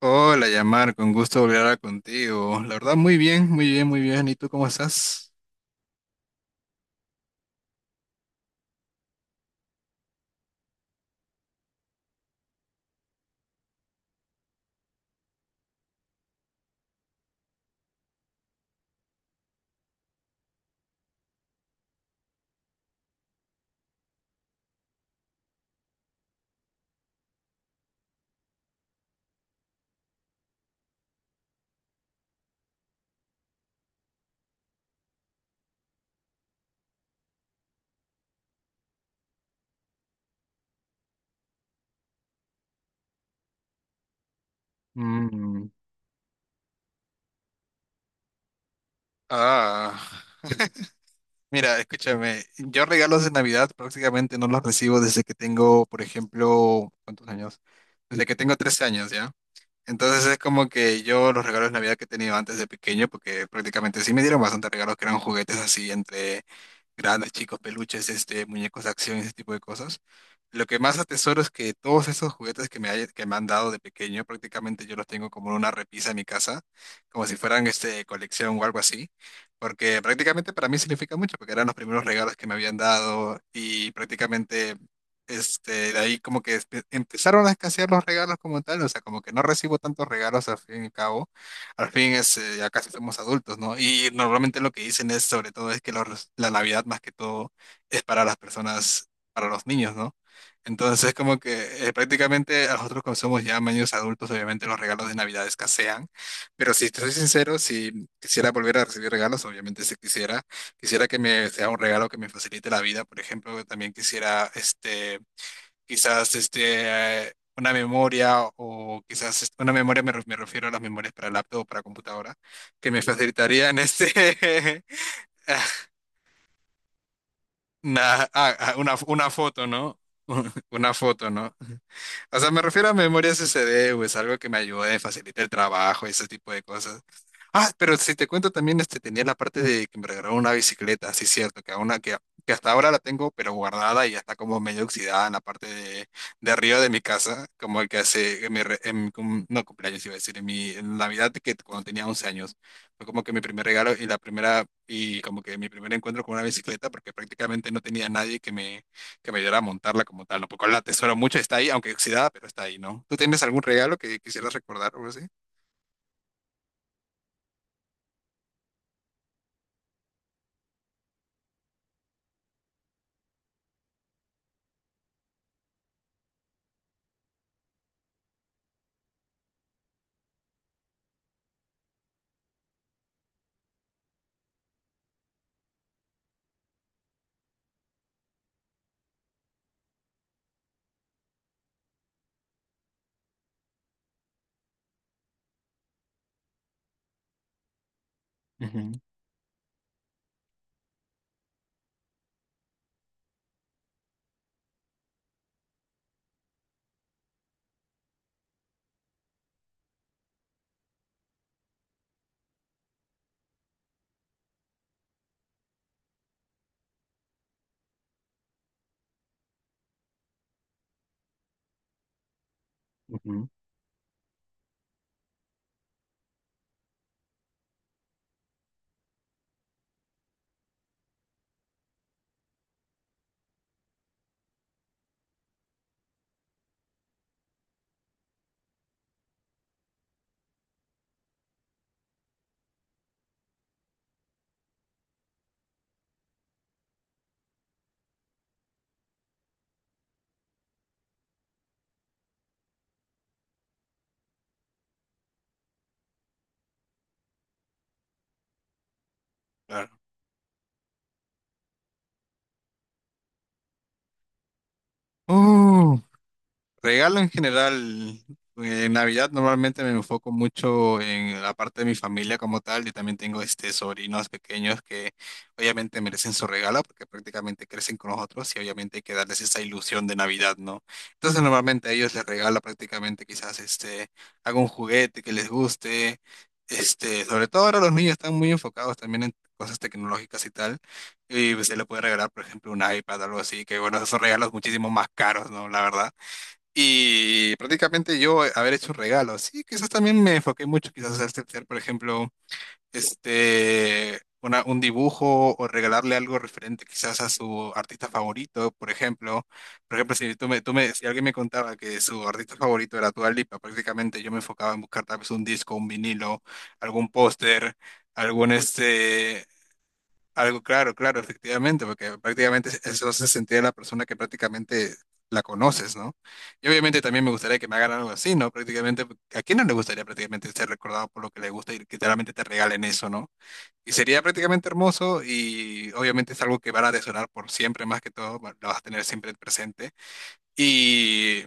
Hola, Yamar, con gusto volver a hablar contigo. La verdad, muy bien, muy bien, muy bien. ¿Y tú cómo estás? Mm. Ah, Mira, escúchame, yo regalos de Navidad prácticamente no los recibo desde que tengo, por ejemplo, ¿cuántos años? Desde que tengo 13 años, ¿ya? Entonces es como que yo los regalos de Navidad que he tenido antes de pequeño, porque prácticamente sí me dieron bastante regalos que eran juguetes así entre grandes, chicos, peluches, muñecos de acción, ese tipo de cosas. Lo que más atesoro es que todos esos juguetes que que me han dado de pequeño, prácticamente yo los tengo como en una repisa en mi casa, como si fueran colección o algo así, porque prácticamente para mí significa mucho, porque eran los primeros regalos que me habían dado y prácticamente de ahí como que empezaron a escasear los regalos como tal, o sea, como que no recibo tantos regalos al fin y al cabo al fin es, ya casi somos adultos, ¿no? Y normalmente lo que dicen es, sobre todo, es que la Navidad más que todo es para las personas, para los niños, ¿no? Entonces, como que prácticamente a nosotros como somos ya niños adultos, obviamente los regalos de Navidad escasean, pero si te soy sincero, si quisiera volver a recibir regalos, obviamente si quisiera, quisiera que me sea un regalo que me facilite la vida, por ejemplo, también quisiera, este quizás, una memoria o quizás, una memoria, me refiero a las memorias para laptop o para computadora, que me facilitarían ah, una foto, ¿no? Una foto, ¿no? O sea, me refiero a memorias D güey, es algo que me ayude, facilita el trabajo y ese tipo de cosas. Pero si te cuento también, tenía la parte de que me regalaron una bicicleta, sí, cierto, que hasta ahora la tengo, pero guardada y ya está como medio oxidada en la parte de arriba de mi casa, como el que hace, en mi no cumpleaños iba a decir, en Navidad, que cuando tenía 11 años, fue como que mi primer regalo y la primera, y como que mi primer encuentro con una bicicleta, porque prácticamente no tenía nadie que me ayudara a montarla como tal, ¿no? Porque la atesoro mucho, está ahí, aunque oxidada, pero está ahí, ¿no? ¿Tú tienes algún regalo que quisieras recordar o algo así? Ujú, ujú. Claro. ¡Oh! Regalo en general, en Navidad normalmente me enfoco mucho en la parte de mi familia como tal y también tengo sobrinos pequeños que obviamente merecen su regalo porque prácticamente crecen con nosotros y obviamente hay que darles esa ilusión de Navidad, ¿no? Entonces normalmente a ellos les regalo prácticamente quizás algún juguete que les guste, sobre todo ahora los niños están muy enfocados también en cosas tecnológicas y tal. Y se le puede regalar, por ejemplo, un iPad, algo así, que bueno, esos son regalos muchísimo más caros, ¿no? La verdad. Y prácticamente yo haber hecho regalos. Sí, quizás también me enfoqué mucho, quizás a hacer, por ejemplo, un dibujo o regalarle algo referente quizás a su artista favorito, por ejemplo. Por ejemplo, si tú me, tú me, si alguien me contaba que su artista favorito era Dua Lipa, prácticamente yo me enfocaba en buscar tal vez un disco, un vinilo, algún póster, algún este, algo claro, claro, efectivamente, porque prácticamente eso se sentía la persona que prácticamente la conoces, ¿no? Y obviamente también me gustaría que me hagan algo así, ¿no? Prácticamente, ¿a quién no le gustaría prácticamente ser recordado por lo que le gusta y que realmente te regalen eso, ¿no? Y sería prácticamente hermoso y obviamente es algo que van a atesorar por siempre, más que todo, lo vas a tener siempre presente. Y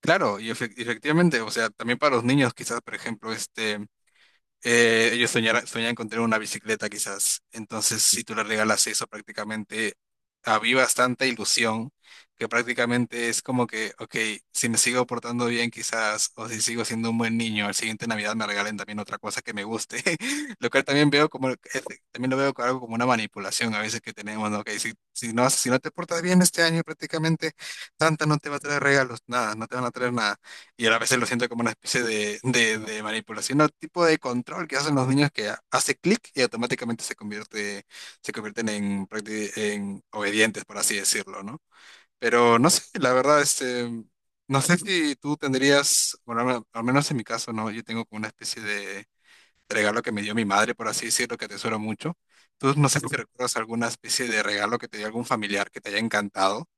claro, y efectivamente, o sea, también para los niños quizás, por ejemplo, este... Ellos soñan con tener una bicicleta quizás. Entonces, si tú le regalas eso, prácticamente avivas tanta ilusión que prácticamente es como que, ok, si me sigo portando bien quizás, o si sigo siendo un buen niño, al siguiente Navidad me regalen también otra cosa que me guste. Lo cual también veo como, también lo veo como algo como una manipulación a veces que tenemos, ¿no? Ok, si no te portas bien este año, prácticamente Santa no te va a traer regalos, nada, no te van a traer nada. Y a veces lo siento como una especie de manipulación o tipo de control que hacen los niños que hace clic y automáticamente se convierten en, en obedientes, por así decirlo, ¿no? Pero no sé, la verdad, no sé si tú tendrías, bueno, al menos en mi caso, ¿no? Yo tengo como una especie de regalo que me dio mi madre, por así decirlo, que atesoro mucho. Tú no sé si recuerdas alguna especie de regalo que te dio algún familiar que te haya encantado.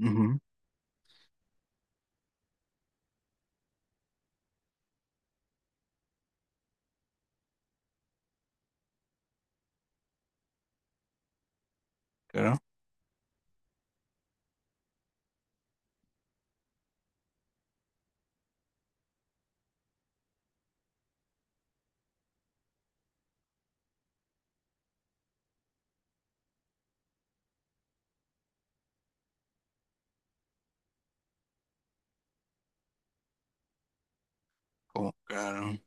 Ujú. Claro, como, claro,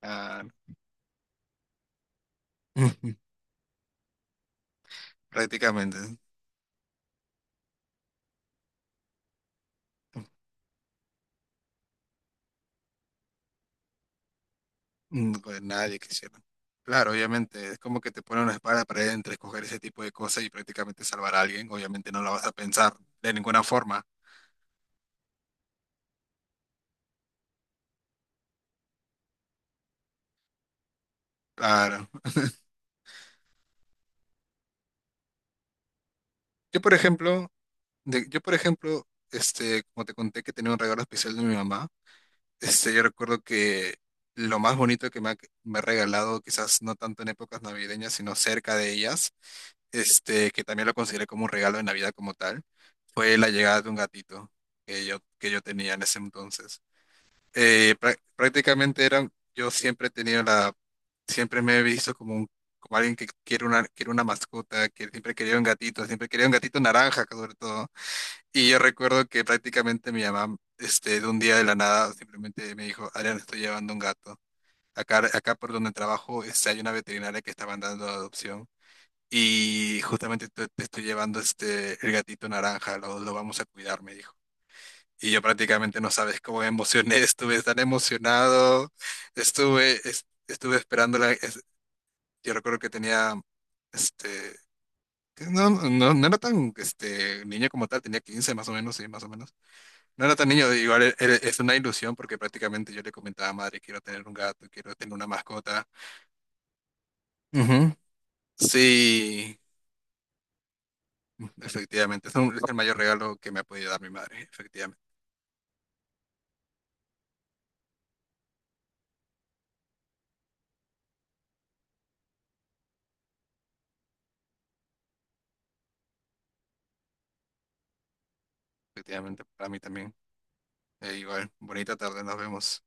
claro. Prácticamente. Mm. Pues nadie quisiera. Claro, obviamente, es como que te ponen una espada para entre escoger ese tipo de cosas y prácticamente salvar a alguien. Obviamente no la vas a pensar de ninguna forma. Claro. Yo, por ejemplo, yo, por ejemplo, como te conté que tenía un regalo especial de mi mamá, yo recuerdo que lo más bonito me ha regalado, quizás no tanto en épocas navideñas, sino cerca de ellas, que también lo consideré como un regalo de Navidad como tal, fue la llegada de un gatito que yo tenía en ese entonces. Prácticamente era, yo siempre he tenido la, siempre me he visto como un, como alguien que quiere una mascota, que siempre quería un gatito, siempre quería un gatito naranja sobre todo. Y yo recuerdo que prácticamente mi mamá, de un día de la nada, simplemente me dijo, Adrián, estoy llevando un gato. Acá por donde trabajo, hay una veterinaria que está mandando a adopción. Y justamente te estoy llevando el gatito naranja, lo vamos a cuidar, me dijo. Y yo prácticamente no sabes cómo me emocioné, estuve tan emocionado, estuve esperando la... yo recuerdo que tenía, este, que no, no, no era tan, niño como tal, tenía 15 más o menos, sí, más o menos. No era tan niño, igual es una ilusión porque prácticamente yo le comentaba a madre, quiero tener un gato, quiero tener una mascota. Ujú. Sí, efectivamente, es el mayor regalo que me ha podido dar mi madre, efectivamente, efectivamente, para mí también. Igual, bonita tarde, nos vemos.